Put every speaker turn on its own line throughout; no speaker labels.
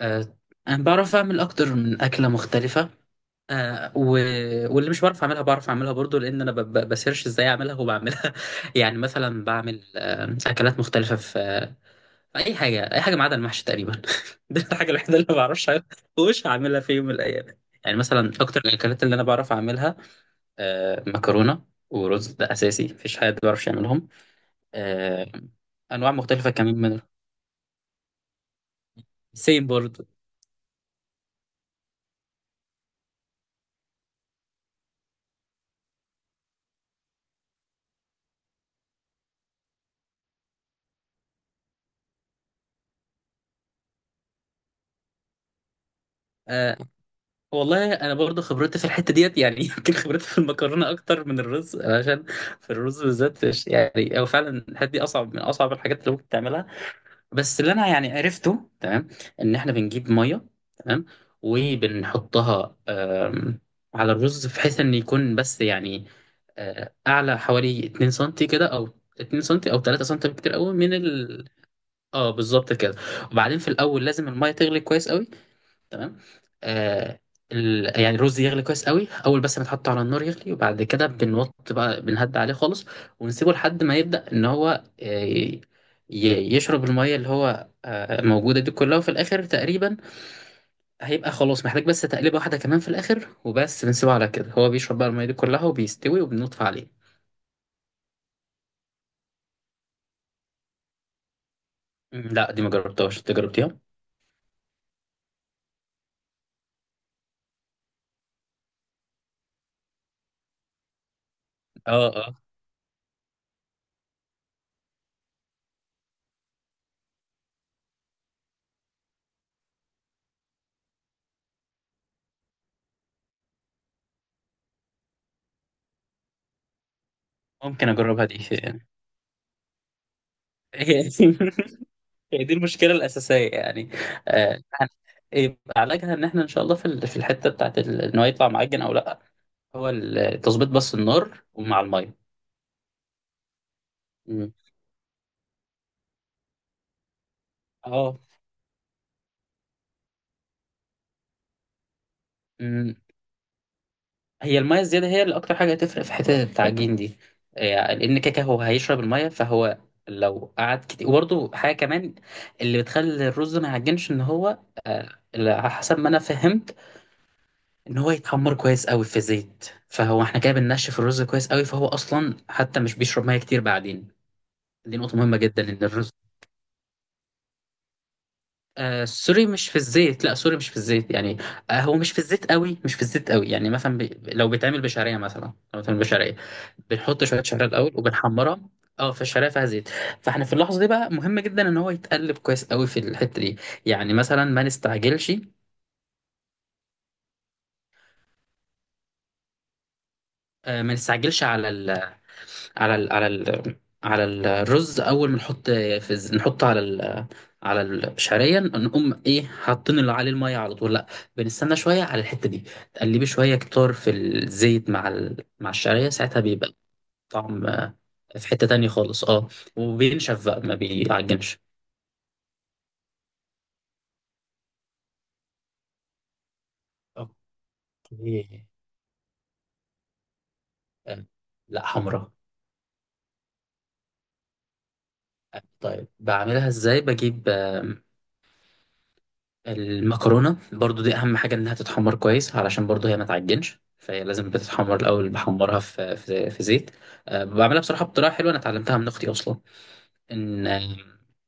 آه، انا بعرف اعمل اكتر من اكله مختلفه. آه، و... واللي مش بعرف اعملها بعرف اعملها برضو لان انا بسيرش ازاي اعملها وبعملها يعني مثلا بعمل اكلات مختلفه في اي حاجه اي حاجه ما عدا المحشي تقريبا دي الحاجه الوحيده اللي ما بعرفش أعملها ومش هعملها في يوم من الايام. يعني مثلا اكتر الاكلات اللي انا بعرف اعملها مكرونه ورز، ده اساسي، مفيش حد ما بيعرفش يعملهم. آه، انواع مختلفه كمان من سيم برضو. والله انا برضو خبرتي في الحته ديت يعني يمكن خبرتي في المكرونه اكتر من الرز عشان في الرز بالذات يعني هو فعلا الحته دي اصعب من اصعب الحاجات اللي ممكن تعملها. بس اللي انا يعني عرفته تمام ان احنا بنجيب ميه، تمام، وبنحطها على الرز بحيث ان يكون بس يعني اعلى حوالي 2 سنتي كده او 2 سنتي او 3 سنتي بكتير قوي من ال. اه بالظبط كده. وبعدين في الاول لازم الميه تغلي كويس قوي، تمام. آه يعني الرز يغلي كويس قوي، اول بس ما تحطه على النار يغلي وبعد كده بنوط بقى بنهد عليه خالص، ونسيبه لحد ما يبدأ ان هو يشرب الميه اللي هو موجوده دي كلها. وفي الاخر تقريبا هيبقى خلاص محتاج بس تقليبه واحده كمان في الاخر، وبس بنسيبه على كده هو بيشرب بقى الميه دي كلها وبيستوي وبنطفي عليه. لا، دي ما جربتهاش، انت جربتيها؟ اه اه، ممكن اجربها دي هي دي المشكله الاساسيه يعني، يعني يبقى علاجها ان احنا ان شاء الله في في الحته بتاعت ان هو يطلع معجن او لا. هو تظبيط بس النار ومع الميه. مم. اه. مم. هي الميه الزياده هي اللي اكتر حاجه هتفرق في حته التعجين دي، يعني لان كاكا هو هيشرب الميه فهو لو قعد كتير. وبرده حاجه كمان اللي بتخلي الرز ما يعجنش، ان هو، آه، على حسب ما انا فهمت، ان هو يتحمر كويس قوي في زيت، فهو احنا كده بننشف الرز كويس قوي فهو اصلا حتى مش بيشرب ميه كتير بعدين. دي نقطه مهمه جدا ان الرز، سوري مش في الزيت، لا سوري مش في الزيت يعني، هو مش في الزيت قوي، مش في الزيت قوي، يعني مثلا لو بيتعمل بشعريه، مثلا لو بيتعمل بشعريه بنحط شويه شعريه الاول وبنحمرها. اه فالشعريه فيها زيت، فاحنا في اللحظه دي بقى مهم جدا ان هو يتقلب كويس قوي في الحته دي، يعني مثلا ما نستعجلش، ما نستعجلش على ال... على ال على ال على الرز. اول ما نحط في نحطه على على الشعريه نقوم ايه حاطين اللي عليه الميه على طول؟ لا، بنستنى شويه على الحته دي، تقلبي شويه كتار في الزيت مع مع الشعريه، ساعتها بيبقى طعم في حته تانية خالص، اه. وبينشف بقى ما بيعجنش. اوكي. آه، لا، حمرا. طيب بعملها ازاي؟ بجيب المكرونة، برضو دي أهم حاجة إنها تتحمر كويس علشان برضو هي ما تعجنش، فهي لازم بتتحمر الأول. بحمرها في زيت. أه، بعملها بصراحة بطريقة حلوة أنا اتعلمتها من أختي أصلا. إن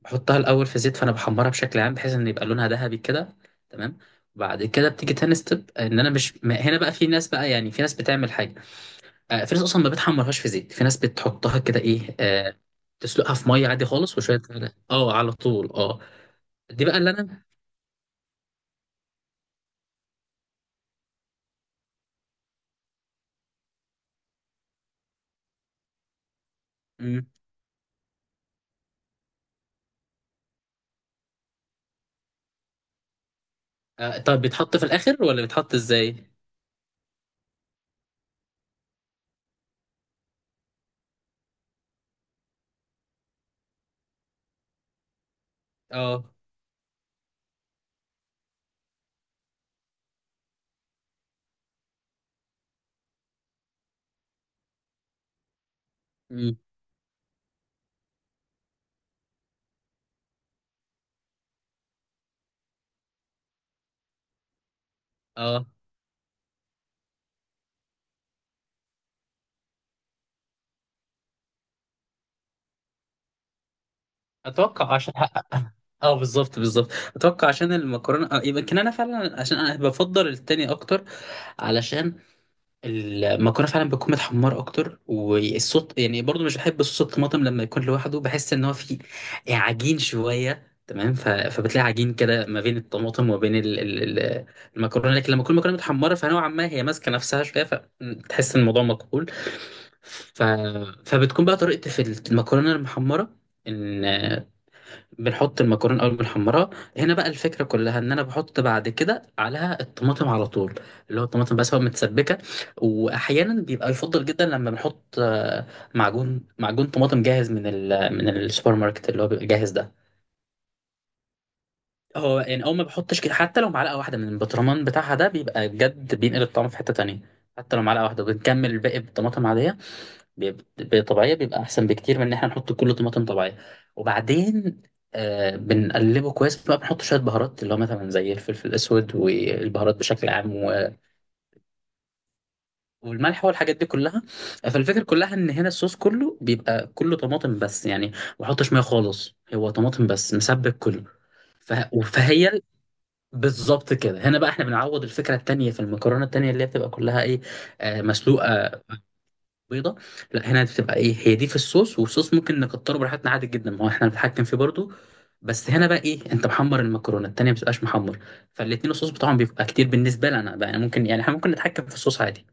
بحطها الأول في زيت فأنا بحمرها بشكل عام بحيث إن يبقى لونها ذهبي كده، تمام. وبعد كده بتيجي تاني ستيب إن أنا مش ما- هنا بقى في ناس بقى، يعني في ناس بتعمل حاجة، في ناس أصلا ما بتحمرهاش في زيت، في ناس بتحطها كده إيه تسلقها في مية عادي خالص وشوية. اه على طول اه. دي بقى اللي أنا طب بيتحط في الاخر ولا بيتحط ازاي؟ اه. مم. اه. اتوقع عشان، اه بالظبط بالظبط، اتوقع عشان المكرونه، يمكن انا فعلا عشان انا بفضل التاني اكتر. علشان المكرونه فعلا بتكون متحمره اكتر، والصوت يعني برضو مش بحب صوص الطماطم لما يكون لوحده، بحس ان هو فيه عجين شويه، تمام، فبتلاقي عجين كده ما بين الطماطم وما بين المكرونه، لكن لما تكون المكرونه متحمره فنوعا ما هي ماسكه نفسها شويه فتحس ان الموضوع مقبول. ف... فبتكون بقى طريقتي في المكرونه المحمره ان بنحط المكرونه اول بنحمرها. هنا بقى الفكره كلها ان انا بحط بعد كده عليها الطماطم على طول، اللي هو الطماطم بس هو متسبكه. واحيانا بيبقى يفضل جدا لما بنحط معجون، معجون طماطم جاهز من من السوبر ماركت اللي هو بيبقى جاهز ده. هو يعني اول ما بحطش كده، حتى لو معلقه واحده من البطرمان بتاعها، ده بيبقى بجد بينقل الطعم في حته تانية. حتى لو معلقه واحده، بنكمل الباقي بالطماطم عاديه، بيبقى طبيعية، بيبقى أحسن بكتير من إن إحنا نحط كله طماطم طبيعية. وبعدين بنقلبه كويس بقى، بنحط شوية بهارات اللي هو مثلا زي الفلفل الأسود والبهارات بشكل عام والملح والحاجات دي كلها. فالفكرة كلها إن هنا الصوص كله بيبقى كله طماطم، بس يعني ما بحطش مية خالص، هو طماطم بس مسبك كله. فهي بالظبط كده. هنا بقى احنا بنعوض الفكره التانيه في المكرونه التانيه اللي هي بتبقى كلها ايه، مسلوقه، بيضه. لا هنا بتبقى ايه، هي دي في الصوص، والصوص ممكن نكتره براحتنا عادي جدا ما هو احنا بنتحكم فيه برضو. بس هنا بقى ايه، انت محمر المكرونه، التانيه ما بتبقاش محمر، فالاتنين الصوص بتاعهم بيبقى كتير بالنسبه لنا بقى، يعني ممكن، يعني احنا ممكن نتحكم في الصوص عادي.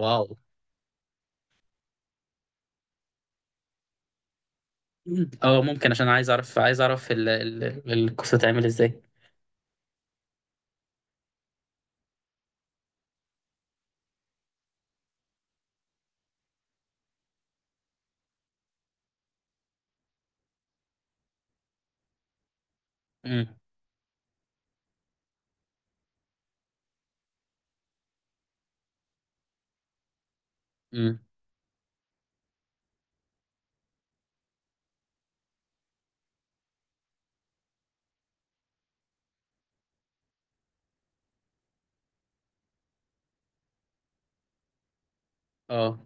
واو مم. اه ممكن، عشان عايز اعرف، عايز اعرف الكوسه تتعمل ازاي. امم امم اه.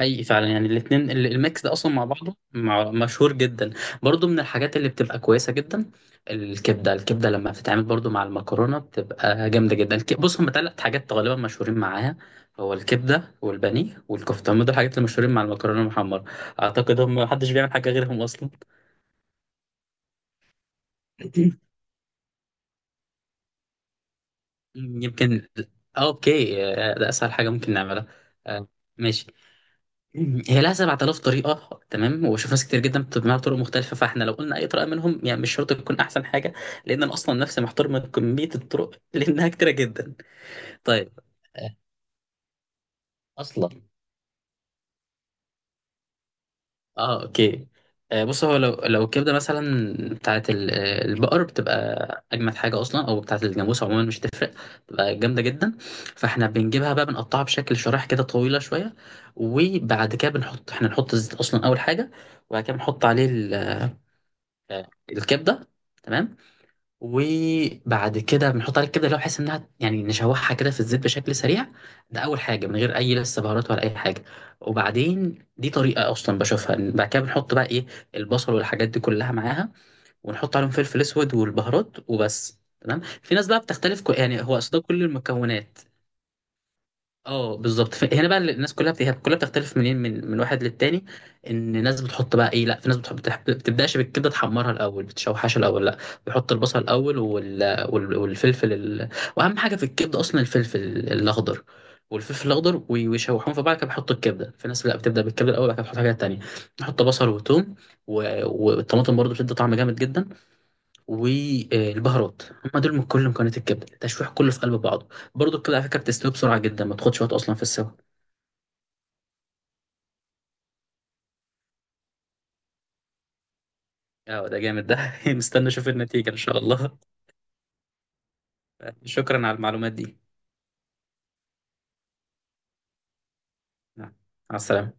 حقيقي فعلا يعني الاثنين الميكس ده اصلا مع بعضه مشهور جدا، برضو من الحاجات اللي بتبقى كويسه جدا. الكبده الكبده لما بتتعمل برضو مع المكرونه بتبقى جامده جدا. بص هم ثلاث حاجات غالبا مشهورين معاها، هو الكبده والبانيه والكفته، هم دول الحاجات اللي مشهورين مع المكرونه المحمره. اعتقد هم محدش بيعمل حاجه غيرهم اصلا. يمكن اوكي. ده اسهل حاجه ممكن نعملها. آه، ماشي. هي لها 7,000 طريقة، تمام، وبشوف ناس كتير جدا بتجمعها بطرق مختلفة، فاحنا لو قلنا أي طريقة منهم يعني مش شرط تكون أحسن حاجة، لأن أنا أصلا نفسي محتار من كمية الطرق لأنها كتيرة جدا. طيب. آه، أصلا. أوكي. بص هو لو الكبدة مثلا بتاعت البقر بتبقى أجمد حاجة أصلا، أو بتاعت الجاموس، عموما مش تفرق، بتبقى جامدة جدا. فاحنا بنجيبها بقى، بنقطعها بشكل شرايح كده طويلة شوية. وبعد كده احنا نحط الزيت أصلا أول حاجة، وبعد كده بنحط عليه الكبده، تمام. وبعد كده بنحط عليها الكبده اللي هو بحيث انها يعني نشوحها كده في الزيت بشكل سريع. ده اول حاجه من غير اي لسه بهارات ولا اي حاجه. وبعدين دي طريقه اصلا بشوفها إن بعد كده بنحط بقى ايه، البصل والحاجات دي كلها معاها، ونحط عليهم فلفل اسود والبهارات وبس، تمام. في ناس بقى بتختلف يعني هو اصلا كل المكونات، اه بالظبط. هنا بقى الناس كلها كلها بتختلف منين، من واحد للتاني، ان ناس بتحط بقى ايه، لا في ناس بتحب بتبداش بالكبده تحمرها الاول بتشوحها الاول، لا بيحط البصل الاول والفلفل واهم حاجه في الكبده اصلا الفلفل الاخضر، والفلفل الاخضر ويشوحوهم في بعض كده بيحطوا الكبده. في ناس لا بتبدا بالكبده الاول، بعد كده بتحط حاجات تانيه، نحط بصل وثوم و... والطماطم برضو بتدي طعم جامد جدا، والبهارات، هم دول من كل مكونات الكبده، التشويح كله في قلب بعضه. برضو الكبده على فكره بتستوي بسرعه جدا، ما تاخدش وقت اصلا في السوا. اه ده جامد ده مستني اشوف النتيجه ان شاء الله. شكرا على المعلومات دي. مع السلامه.